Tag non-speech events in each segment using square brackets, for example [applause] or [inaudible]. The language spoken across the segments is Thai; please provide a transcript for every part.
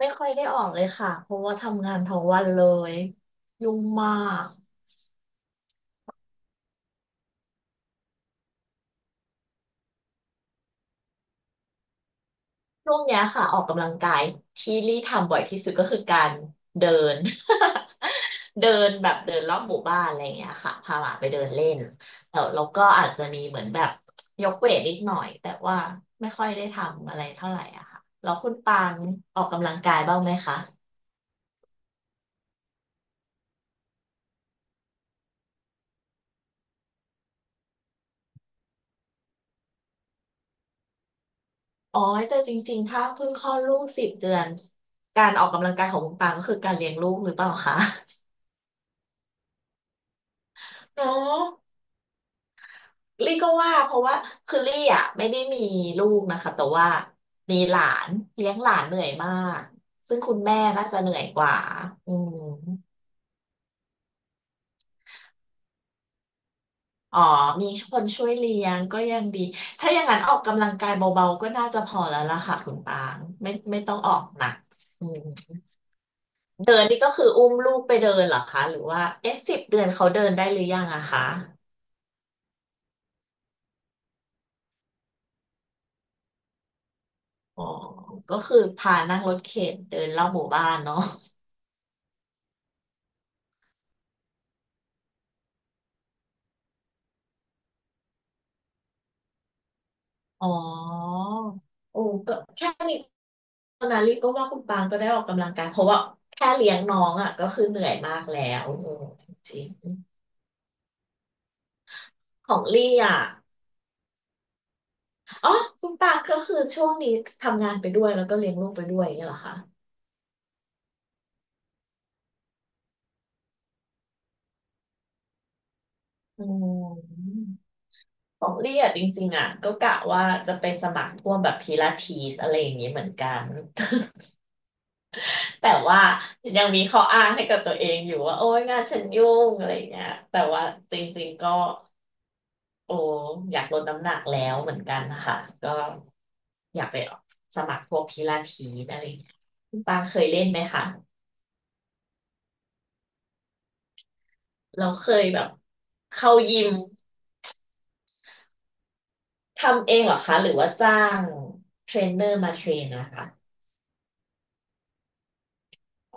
ไม่ค่อยได้ออกเลยค่ะ เพราะว่าทำงานทั้งวันเลยยุ่งมากช่วงเนี้ยค่ะออกกำลังกายที่ลี่ทำบ่อยที่สุดก็คือการเดิน [laughs] เดินแบบเดินรอบหมู่บ้านอะไรอย่างเงี้ยค่ะพาหมาไปเดินเล่นแล้วเราก็อาจจะมีเหมือนแบบยกเวทนิดหน่อยแต่ว่าไม่ค่อยได้ทำอะไรเท่าไหร่อะค่ะแล้วคุณปางออกกำลังกายบ้างไหมคะอ๋อแต่จริงๆถ้าเพิ่งคลอดลูกสิบเดือนการออกกำลังกายของคุณปางก็คือการเลี้ยงลูกหรือเปล่าคะ เนาะลี่ก็ว่าเพราะว่าคือลี่อ่ะไม่ได้มีลูกนะคะแต่ว่ามีหลานเลี้ยงหลานเหนื่อยมากซึ่งคุณแม่น่าจะเหนื่อยกว่าอืมอ๋อมีคนช่วยเลี้ยงก็ยังดีถ้าอย่างนั้นออกกำลังกายเบาๆก็น่าจะพอแล้วล่ะค่ะคุณปางไม่ต้องออกหนักอืมเดินนี่ก็คืออุ้มลูกไปเดินเหรอคะหรือว่าเอ๊ะสิบเดือนเขาเดินได้หรือยังอะคะอ๋อก็คือพานั่งรถเข็นเดินรอบหมู่บ้านเนาะ อ๋อโอ้ก็แค่นี้ตอนนั้นลิก็ว่าคุณปางก็ได้ออกกำลังกายเพราะว่าแค่เลี้ยงน้องอ่ะก็คือเหนื่อยมากแล้วโอ้จริงๆของลี่อ่ะอ๋อคุณปางก็คือช่วงนี้ทำงานไปด้วยแล้วก็เลี้ยงลูกไปด้วยอย่างเงี้ยเหรอคะอืมของลี่อ่ะจริงๆอ่ะก็กะว่าจะไปสมัครพวกแบบพิลาทิสอะไรอย่างนี้เหมือนกัน [laughs] แต่ว่ายังมีข้ออ้างให้กับตัวเองอยู่ว่าโอ๊ยงานฉันยุ่งอะไรอย่างเงี้ยแต่ว่าจริงๆก็ โอ้อยากลดน้ำหนักแล้วเหมือนกันค่ะก็อยากไปสมัครพวกพิลาทิสอะไรอย่างเงี้ยคุณปางเคยเล่นไหมคะ เราเคยแบบเข้ายิมทำเองเหรอคะหรือว่าจ้างเทรนเนอร์มาเทรนนะคะ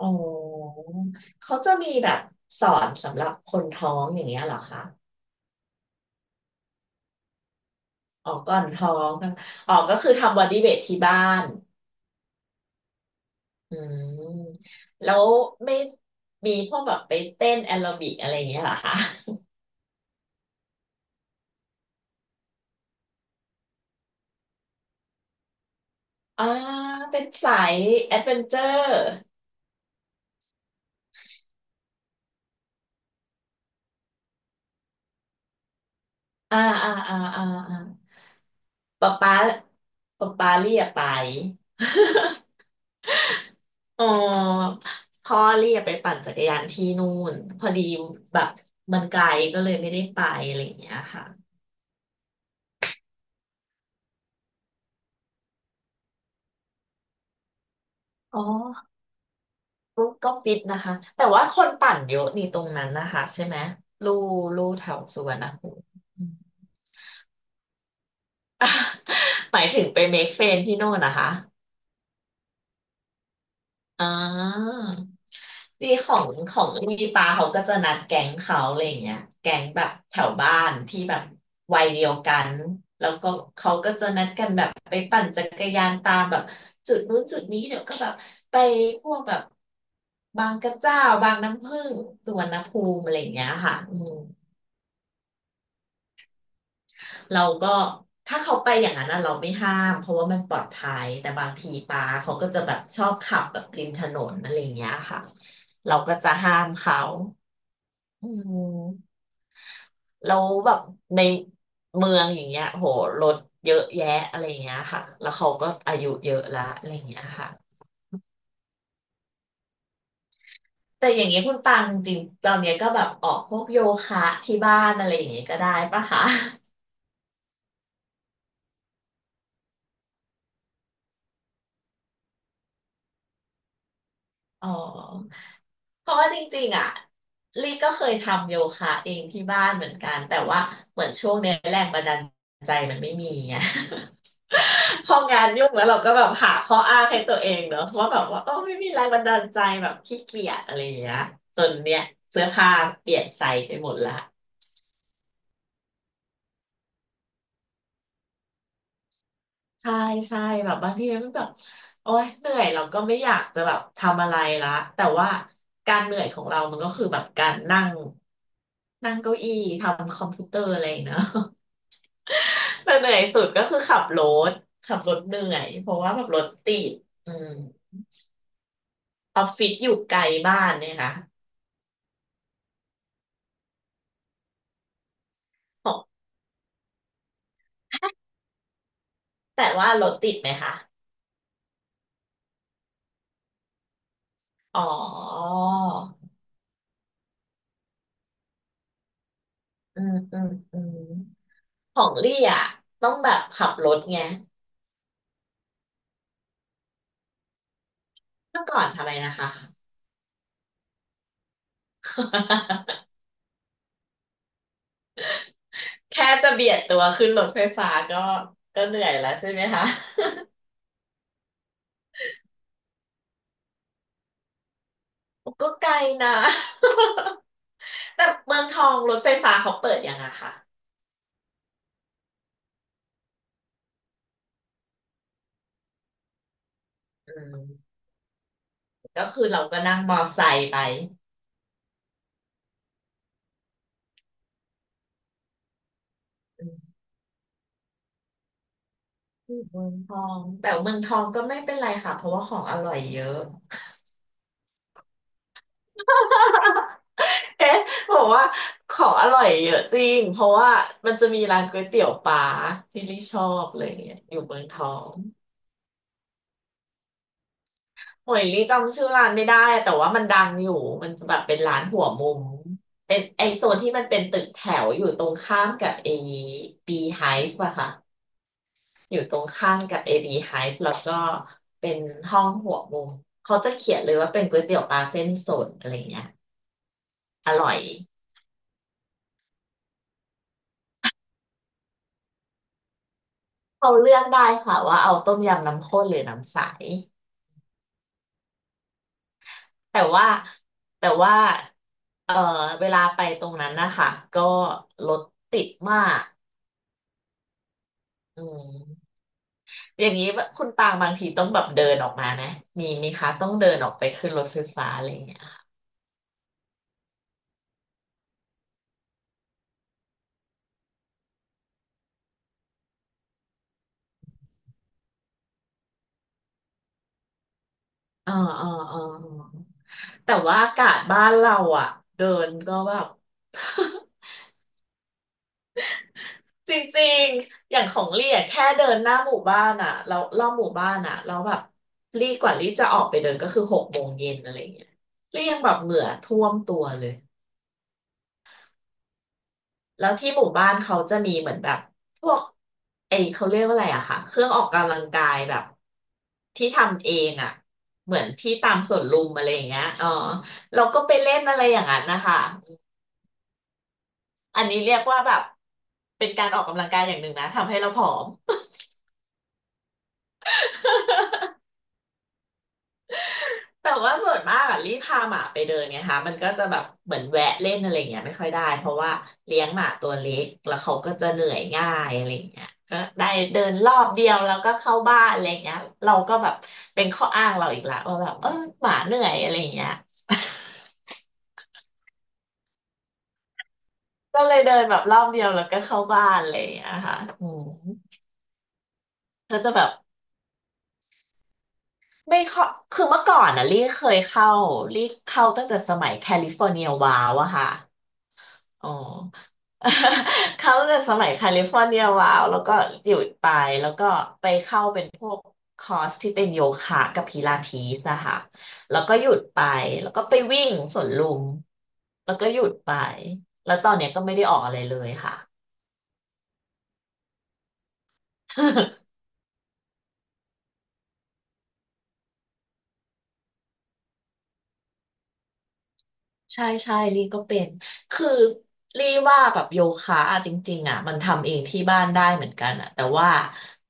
อ๋อเขาจะมีแบบสอนสำหรับคนท้องอย่างเงี้ยเหรอคะอ๋อก่อนท้องกันอ๋อก็คือทำบอดี้เวทที่บ้านอืมแล้วไม่มีพวกแบบไปเต้นแอโรบิกอะไรอย่างเงี้ยเหรอคะ อ่าเป็นสายแอดเวนเจอร์อ่าอ่าอ่าอ่าอ่าป๊าป๊าป๊าป๊าเรียกไป [laughs] อ๋อพ่อเรียกไปปั่นจักรยานที่นู่นพอดีแบบมันไกลก็เลยไม่ได้ไปอะไรอย่างเงี้ยค่ะอ๋อก็ฟิตนะคะแต่ว่าคนปั่นเยอะนี่ตรงนั้นนะคะใช่ไหมลู่ลู่แถวสุวรรณภูมิ [laughs] อืม [laughs] หมายถึงไปเมคเฟรนที่โน่นนะคะ อ่าทีของของมีปาเขาก็จะนัดแก๊งเขาอะไรอย่างเงี้ยแก๊งแบบแถวบ้านที่แบบวัยเดียวกัน แล้วก็เขาก็จะนัดกันแบบไปปั่นจักรยานตามแบบจุดนู้นจุดนี้เดี๋ยวก็แบบไปพวกแบบบางกระเจ้าบางน้ำผึ้งสุวรรณภูมิอะไรอย่างเงี้ยค่ะอืม เราก็ถ้าเขาไปอย่างนั้นน่ะเราไม่ห้ามเพราะว่ามันปลอดภัยแต่บางทีปาเขาก็จะแบบชอบขับแบบริมถนนอะไรอย่างเงี้ยค่ะเราก็จะห้ามเขาอืมแล้วแบบในเมืองอย่างเงี้ยโหรถเยอะแยะอะไรอย่างเงี้ยค่ะแล้วเขาก็อายุเยอะละอะไรอย่างเงี้ยค่ะแต่อย่างเงี้ยคุณตังจริงๆตอนเนี้ยก็แบบออกพวกโยคะที่บ้านอะไรอย่างเงี้ยก็ได้ปะคะ อ๋อเพราะว่าจริงๆอ่ะลี่ก็เคยทำโยคะเองที่บ้านเหมือนกันแต่ว่าเหมือนช่วงเนี้ยแรงบันดาลใจมันไม่มีไง [laughs] พองานยุ่งแล้วเราก็แบบหาข้ออ้างให้ตัวเองเนอะว่าแบบว่าเออไม่มีแรงบันดาลใจแบบขี้เกียจอะไรอย่างเงี้ยจนเนี่ยเสื้อผ้าเปลี่ยนไซส์ไปหมดละ ใช่ใช่แบบบางทีมันแบบโอ๊ยเหนื่อยเราก็ไม่อยากจะแบบทำอะไรละแต่ว่าการเหนื่อยของเรามันก็คือแบบการนั่งนั่งเก้าอี้ทำคอมพิวเตอร์อะไรอย่างเงี้ย [laughs] เนอะ [laughs] แต่เหนื่อยสุดก็คือขับรถขับรถเหนื่อยเพราะว่าแบบรถติดอืมออฟฟิศอยู่ไกลบ้านเนี่ยนะของแต่ว่ารถติดไหมคะอ๋ออืมอืมอืมของลี่อ่ะต้องแบบขับรถไงเมื่อก่อนทำไมนะคะ [laughs] แค่จะเบียดตัวขึ้นรถไฟฟ้าก็ก็เหนื่อยแล้วใช่ไหมคะ [laughs] ก็ไกลนะ [laughs] แต่เมืองทองรถไฟฟ้าเขาเปิดยังอะค่ะอืมก็คือเราก็นั่งมอไซค์ไปอืมเมืองทองแต่เมืองทองก็ไม่เป็นไรค่ะเพราะว่าของอร่อยเยอะ [laughs] เอ๊ะบอกว่าของอร่อยเยอะจริงเพราะว่ามันจะมีร้านก๋วยเตี๋ยวปลาที่ลิชอบเลยเนี่ยอยู่เมืองทอง โอ้ยลี่จำชื่อร้านไม่ได้อะแต่ว่ามันดังอยู่มันจะแบบเป็นร้านหัวมุมเป็นไอโซนที่มันเป็นตึกแถวอยู่ตรงข้ามกับเอบีไฮฟ์อะค่ะอยู่ตรงข้ามกับเอบีไฮฟ์แล้วก็เป็นห้องหัวมุมเขาจะเขียนเลยว่าเป็นก๋วยเตี๋ยวปลาเส้นสดอะไรเงี้ยอร่อยเขาเลือกได้ค่ะว่าเอาต้มยำน้ำข้นหรือน้ำใสแต่ว่าแต่ว่าเออเวลาไปตรงนั้นนะคะก็รถติดมากอืม อย่างนี้ว่าคุณตางบางทีต้องแบบเดินออกมานะมีคะต้องเดินออกไปขึ้นรถไฟฟ้าอะไรอย่างเงี้ยอ๋ออ๋ออ๋ออ๋อแต่ว่าอากาศบ้านเราอ่ะเดินก็แบบ [laughs] จริงๆอย่างของลี่อะแค่เดินหน้าหมู่บ้านอ่ะเรารอบหมู่บ้านอ่ะแล้วแบบลี่กว่าลี่จะออกไปเดินก็คือ6 โมงเย็นอะไรอย่างเงี้ยลี่ยังแบบเหงื่อท่วมตัวเลย แล้วที่หมู่บ้านเขาจะมีเหมือนแบบพวกไอเขาเรียกว่าอะไรอะค่ะเครื่องออกกำลังกายแบบที่ทำเองอะเหมือนที่ตามสวนลุมอะไรอย่างเงี้ยอ๋อเราก็ไปเล่นอะไรอย่างนั้นนะคะอันนี้เรียกว่าแบบเป็นการออกกำลังกายอย่างหนึ่งนะทำให้เราผอม แต่ว่าส่วนมากอะรีบพาหมาไปเดินไงคะมันก็จะแบบเหมือนแวะเล่นอะไรอย่างเงี้ยไม่ค่อยได้เพราะว่าเลี้ยงหมาตัวเล็กแล้วเขาก็จะเหนื่อยง่ายอะไรอย่างเงี้ยก็ได้เดินรอบเดียวแล้วก็เข้าบ้านอะไรอย่างเงี้ยเราก็แบบเป็นข้ออ้างเราอีกละว่าแบบหมาเหนื่อยอะไรอย่างเงี้ย [laughs] ก็เลยเดินแบบรอบเดียวแล้วก็เข้าบ้านอะไรอย่างเงี้ยค่ะอืมก็จะแบบไม่เข้าคือเมื่อก่อนอ่ะลี่เคยเข้าลี่เข้าตั้งแต่สมัยแคลิฟอร์เนียวาวอะค่ะ อ๋อ [laughs] เขาจะสมัยแคลิฟอร์เนียวาวแล้วก็หยุดไปแล้วก็ไปเข้าเป็นพวกคอร์สที่เป็นโยคะกับพิลาทิสนะคะแล้วก็หยุดไปแล้วก็ไปวิ่งสวนลุมแล้วก็หยุดไปแล้วตอนเนี้ยก็ไม่ได้ออกอะไรเลยค่ะ [laughs] ใช่ใช่ลี่ก็เป็น คือลี่ว่าแบบโยคะอะจริงๆอ่ะมันทำเองที่บ้านได้เหมือนกันอ่ะแต่ว่า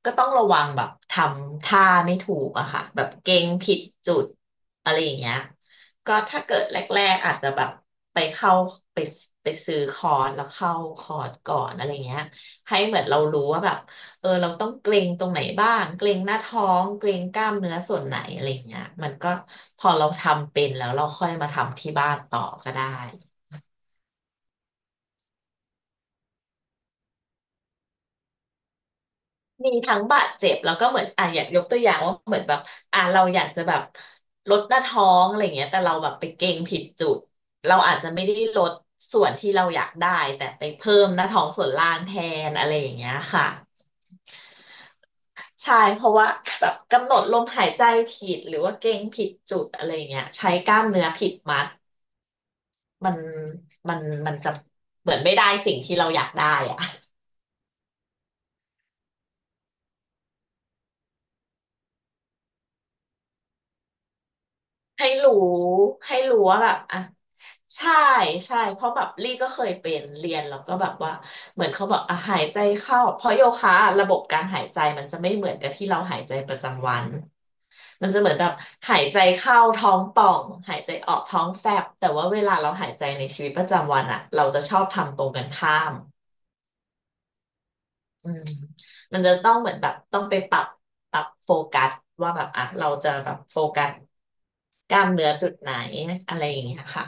ก็ต้องระวังแบบทำท่าไม่ถูกอะค่ะแบบเกร็งผิดจุดอะไรอย่างเงี้ยก็ถ้าเกิดแรกๆอาจจะแบบไปเข้าไปไปซื้อคอร์สแล้วเข้าคอร์สก่อนอะไรเงี้ยให้เหมือนเรารู้ว่าแบบ เราต้องเกรงตรงไหนบ้างเกรงหน้าท้องเกรงกล้ามเนื้อส่วนไหนอะไรอย่างเงี้ยมันก็พอเราทำเป็นแล้วเราค่อยมาทำที่บ้านต่อก็ได้มีทั้งบาดเจ็บแล้วก็เหมือนอ่ะอยากยกตัวอย่างว่าเหมือนแบบอ่ะเราอยากจะแบบลดหน้าท้องอะไรเงี้ยแต่เราแบบไปเกรงผิดจุดเราอาจจะไม่ได้ลดส่วนที่เราอยากได้แต่ไปเพิ่มหน้าท้องส่วนล่างแทนอะไรอย่างเงี้ยค่ะใช่เพราะว่าแบบกำหนดลมหายใจผิดหรือว่าเกรงผิดจุดอะไร่าเงี้ยใช้กล้ามเนื้อผิดมัด มันมันมันจะเหมือนไม่ได้สิ่งที่เราอยากได้อะ [laughs] ให้รู้ให้รู้ว่าแบบอ่ะใช่ใช่เพราะแบบลี่ก็เคยเป็นเรียนแล้วก็แบบว่าเหมือนเขาบอกอ่ะหายใจเข้าเพราะโยคะอะระบบการหายใจมันจะไม่เหมือนกับที่เราหายใจประจำวันมันจะเหมือนแบบหายใจเข้าท้องป่องหายใจออกท้องแฟบแต่ว่าเวลาเราหายใจในชีวิตประจำวันอ่ะเราจะชอบทำตรงกันข้าม อืมมันจะต้องเหมือนแบบต้องไปปรับปรับโฟกัสว่าแบบอ่ะเราจะแบบโฟกัสกล้ามเนื้อจุดไหนอะไรอย่างเงี้ยค่ะ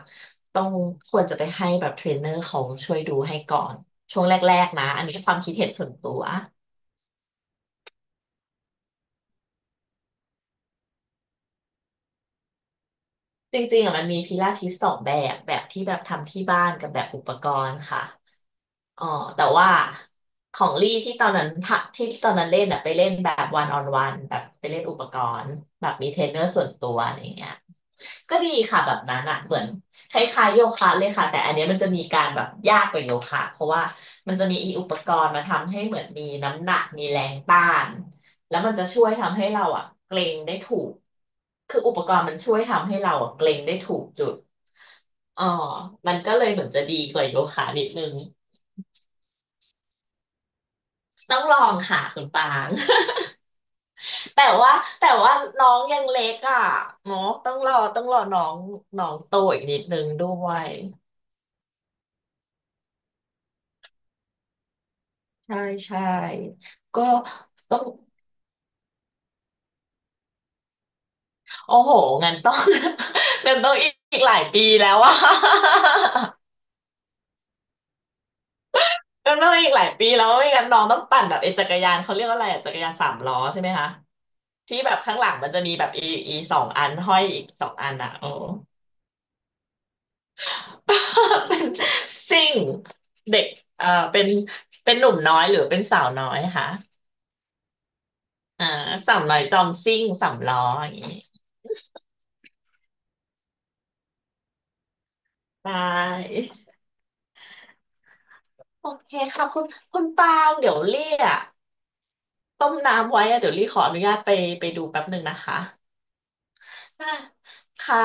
ต้องควรจะไปให้แบบเทรนเนอร์เขาช่วยดูให้ก่อนช่วงแรกๆนะอันนี้ความคิดเห็นส่วนตัวจริงๆอ่ะมันมีพิลาทิสสองแบบแบบที่แบบทำที่บ้านกับแบบอุปกรณ์ค่ะ อ๋อแต่ว่าของลี่ที่ตอนนั้นเล่นอะไปเล่นแบบวันออนวันแบบไปเล่นอุปกรณ์แบบมีเทรนเนอร์ส่วนตัวอะไรอย่างเงี้ยก็ดีค่ะแบบนั้นอะเหมือนคล้ายๆโยคะเลยค่ะแต่อันเนี้ยมันจะมีการแบบยากกว่าโยคะเพราะว่ามันจะมีอีอุปกรณ์มาทำให้เหมือนมีน้ำหนักมีแรงต้านแล้วมันจะช่วยทำให้เราอะเกร็งได้ถูกคืออุปกรณ์มันช่วยทำให้เราอะเกร็งได้ถูกจุดอ๋อมันก็เลยเหมือนจะดีกว่าโยคะนิดนึง ต้องลองค่ะคุณปาง [laughs] แต่ว่าแต่ว่าน้องยังเล็กอ่ะเนาะต้องรอต้องรอน้องน้องโตอีกนิดนึงด้วยใช่ใช่ก็ต้องโอ้โหงั้นต้อง [laughs] งั้นต้องอีกหลายปีแล้วอ่ะ [laughs] งั้นต้องอีกหลายปีแล้วไม่งั้นน้องต้องปั่นแบบไอ้จักรยานเขาเรียกว่าอะไรอะจักรยานสามล้อใช่ไหมคะที่แบบข้างหลังมันจะมีแบบอีอีสองอันห้อยอีกสองอันอ่ะโอ้ [laughs] เป็นซิ่งเด็กเอ่อเป็นเป็นหนุ่มน้อยหรือเป็นสาวน้อยคะอ่าสาวน้อยจอมซิ่งสามล้ออย่างนี้ได้โอเคค่ะคุณคุณปางเดี๋ยวลี่กต้มน้ำไว้อะเดี๋ยวลี่ขออนุญาตไปไปดูแป๊บหนึ่งนะคะอ่าค่ะ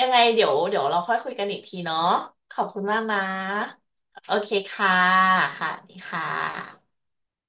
ยังไงเดี๋ยวเดี๋ยวเราค่อยคุยกันอีกทีเนาะขอบคุณมากนะโอเคค่ะค่ะสวัสดีค่ะ